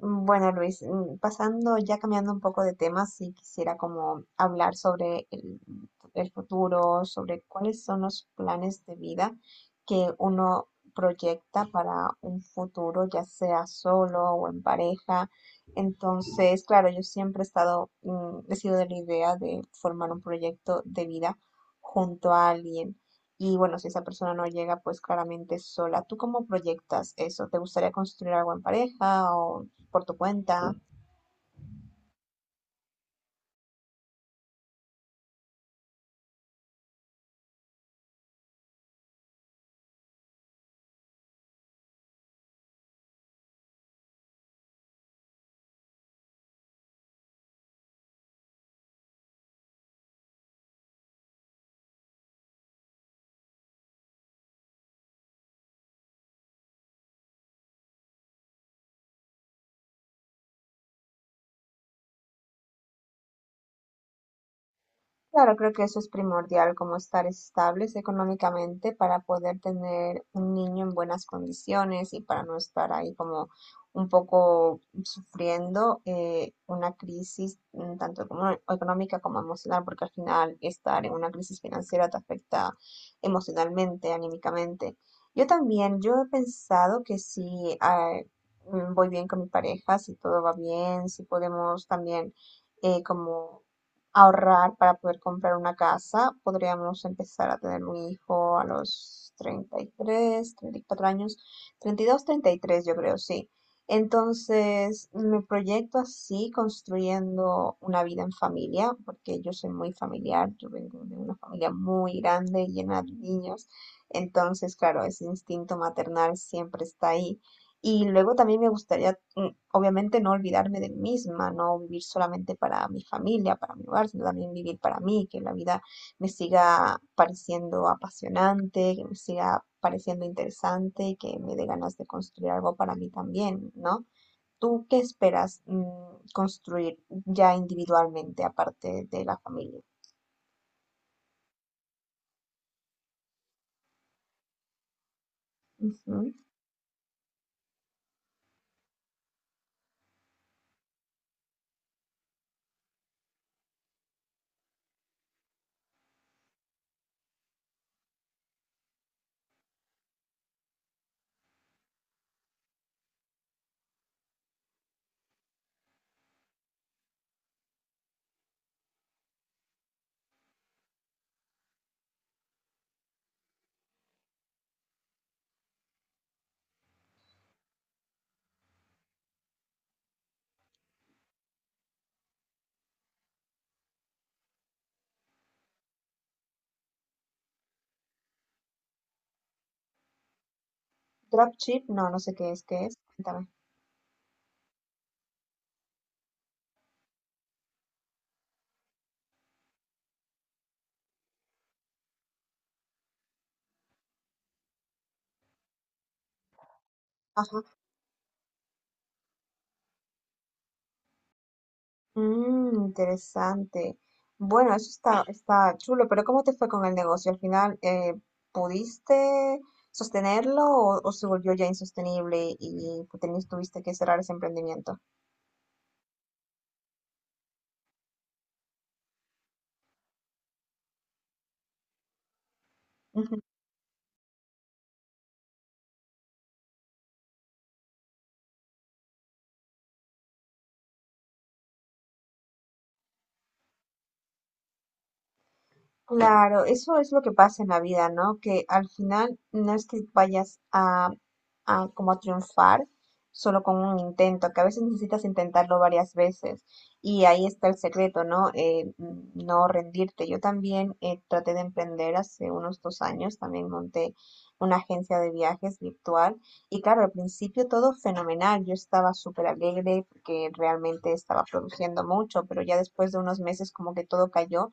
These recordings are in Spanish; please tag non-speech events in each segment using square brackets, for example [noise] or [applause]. Bueno, Luis, pasando, ya cambiando un poco de tema, sí quisiera como hablar sobre el futuro, sobre cuáles son los planes de vida que uno proyecta para un futuro, ya sea solo o en pareja. Entonces, claro, yo siempre he estado, he sido de la idea de formar un proyecto de vida junto a alguien. Y bueno, si esa persona no llega, pues claramente sola. ¿Tú cómo proyectas eso? ¿Te gustaría construir algo en pareja o por tu cuenta? Claro, creo que eso es primordial, como estar estables económicamente para poder tener un niño en buenas condiciones y para no estar ahí como un poco sufriendo una crisis, tanto como económica como emocional, porque al final estar en una crisis financiera te afecta emocionalmente, anímicamente. Yo también, yo he pensado que si voy bien con mi pareja, si todo va bien, si podemos también como ahorrar para poder comprar una casa. Podríamos empezar a tener un hijo a los 30, 33, 34 años, 30, 32, 33 yo creo, sí. Entonces, me proyecto así construyendo una vida en familia, porque yo soy muy familiar, yo vengo de una familia muy grande, llena de niños. Entonces, claro, ese instinto maternal siempre está ahí. Y luego también me gustaría, obviamente, no olvidarme de mí misma, no vivir solamente para mi familia, para mi hogar, sino también vivir para mí, que la vida me siga pareciendo apasionante, que me siga pareciendo interesante y que me dé ganas de construir algo para mí también, ¿no? ¿Tú qué esperas construir ya individualmente, aparte de la familia? Ujú. Dropship, no, no sé qué es, qué es. Cuéntame. Interesante. Bueno, eso está, está chulo, pero ¿cómo te fue con el negocio? ¿Al final pudiste sostenerlo o se volvió ya insostenible y pues, tuviste que cerrar ese emprendimiento? Claro, eso es lo que pasa en la vida, ¿no? Que al final no es que vayas a como a triunfar solo con un intento, que a veces necesitas intentarlo varias veces. Y ahí está el secreto, ¿no? No rendirte. Yo también traté de emprender hace unos 2 años, también monté una agencia de viajes virtual. Y claro, al principio todo fenomenal. Yo estaba súper alegre porque realmente estaba produciendo mucho, pero ya después de unos meses como que todo cayó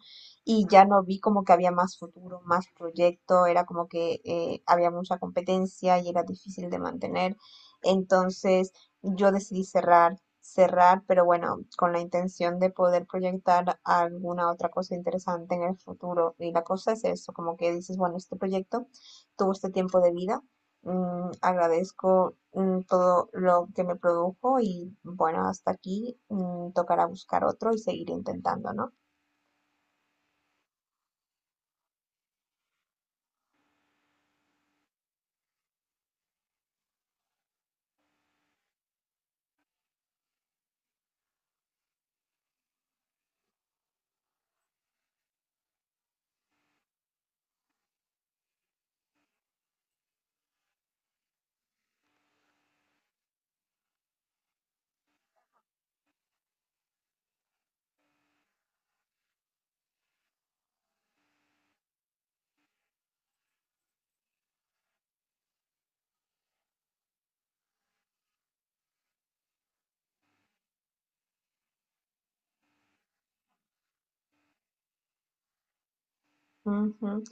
y ya no vi como que había más futuro, más proyecto, era como que había mucha competencia y era difícil de mantener. Entonces yo decidí cerrar, cerrar, pero bueno, con la intención de poder proyectar alguna otra cosa interesante en el futuro. Y la cosa es eso, como que dices, bueno, este proyecto tuvo este tiempo de vida. Agradezco todo lo que me produjo y bueno, hasta aquí, tocará buscar otro y seguir intentando, ¿no? Ujú.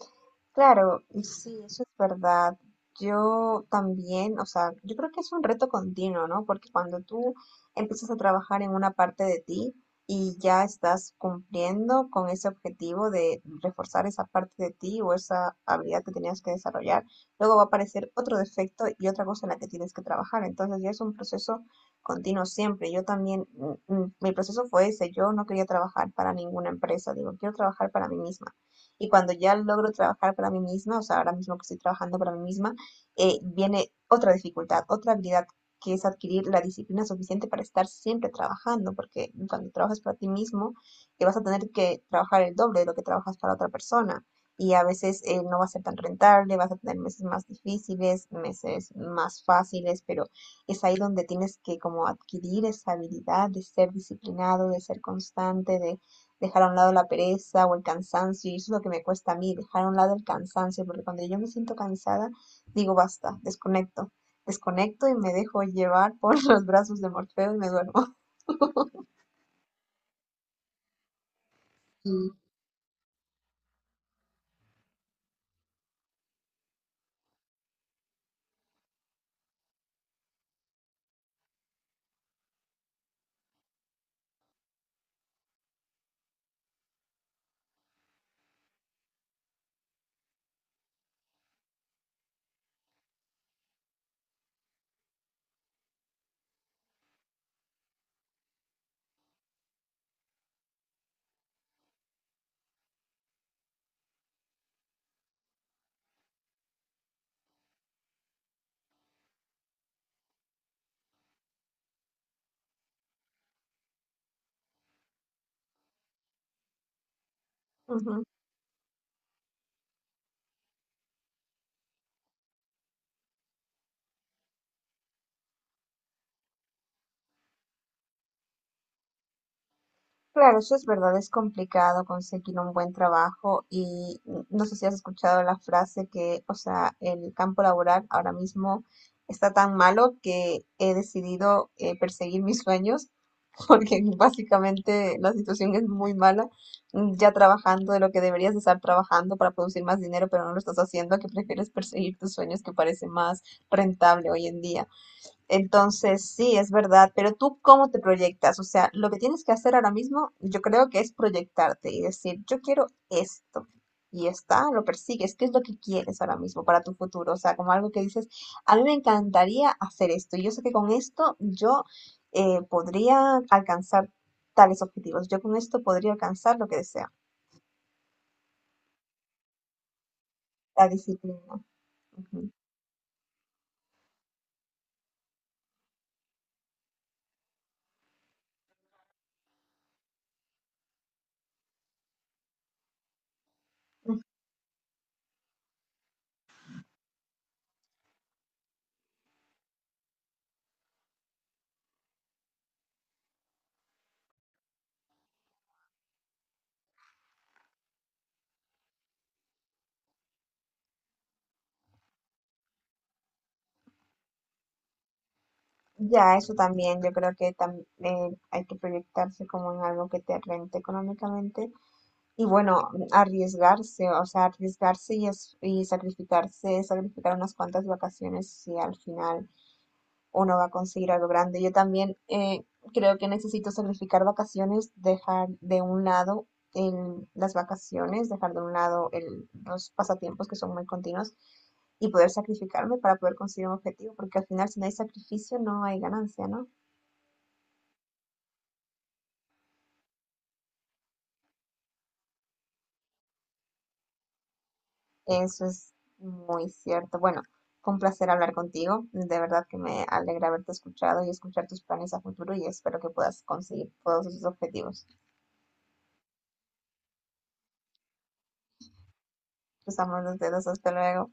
Claro, y sí, eso es verdad. Yo también, o sea, yo creo que es un reto continuo, ¿no? Porque cuando tú empiezas a trabajar en una parte de ti y ya estás cumpliendo con ese objetivo de reforzar esa parte de ti o esa habilidad que tenías que desarrollar, luego va a aparecer otro defecto y otra cosa en la que tienes que trabajar. Entonces ya es un proceso continuo siempre. Yo también, mi proceso fue ese, yo no quería trabajar para ninguna empresa, digo, quiero trabajar para mí misma. Y cuando ya logro trabajar para mí misma, o sea, ahora mismo que estoy trabajando para mí misma, viene otra dificultad, otra habilidad que es adquirir la disciplina suficiente para estar siempre trabajando, porque cuando trabajas para ti mismo, vas a tener que trabajar el doble de lo que trabajas para otra persona. Y a veces no va a ser tan rentable, vas a tener meses más difíciles, meses más fáciles, pero es ahí donde tienes que como adquirir esa habilidad de ser disciplinado, de ser constante, de dejar a un lado la pereza o el cansancio, y eso es lo que me cuesta a mí, dejar a un lado el cansancio, porque cuando yo me siento cansada, digo basta, desconecto, desconecto y me dejo llevar por [laughs] los brazos de Morfeo y me duermo. Sí. Ujú. Claro, eso es verdad, es complicado conseguir un buen trabajo y no sé si has escuchado la frase que, o sea, el campo laboral ahora mismo está tan malo que he decidido perseguir mis sueños [laughs] porque básicamente la situación es muy mala, ya trabajando de lo que deberías de estar trabajando para producir más dinero, pero no lo estás haciendo, que prefieres perseguir tus sueños que parece más rentable hoy en día. Entonces, sí, es verdad, pero tú cómo te proyectas, o sea, lo que tienes que hacer ahora mismo, yo creo que es proyectarte y decir, yo quiero esto. Y está, lo persigues, ¿qué es lo que quieres ahora mismo para tu futuro? O sea, como algo que dices, a mí me encantaría hacer esto. Y yo sé que con esto yo podría alcanzar tales objetivos. Yo con esto podría alcanzar lo que deseo. La disciplina. Ujú. Ya, eso también, yo creo que hay que proyectarse como en algo que te rente económicamente. Y bueno, arriesgarse, o sea, arriesgarse y sacrificarse, sacrificar unas cuantas vacaciones si al final uno va a conseguir algo grande. Yo también creo que necesito sacrificar vacaciones, dejar de un lado las vacaciones, dejar de un lado los pasatiempos que son muy continuos y poder sacrificarme para poder conseguir un objetivo, porque al final si no hay sacrificio no hay ganancia, ¿no? Eso es muy cierto. Bueno, fue un placer hablar contigo. De verdad que me alegra haberte escuchado y escuchar tus planes a futuro y espero que puedas conseguir todos tus objetivos. Cruzamos los dedos. Hasta luego.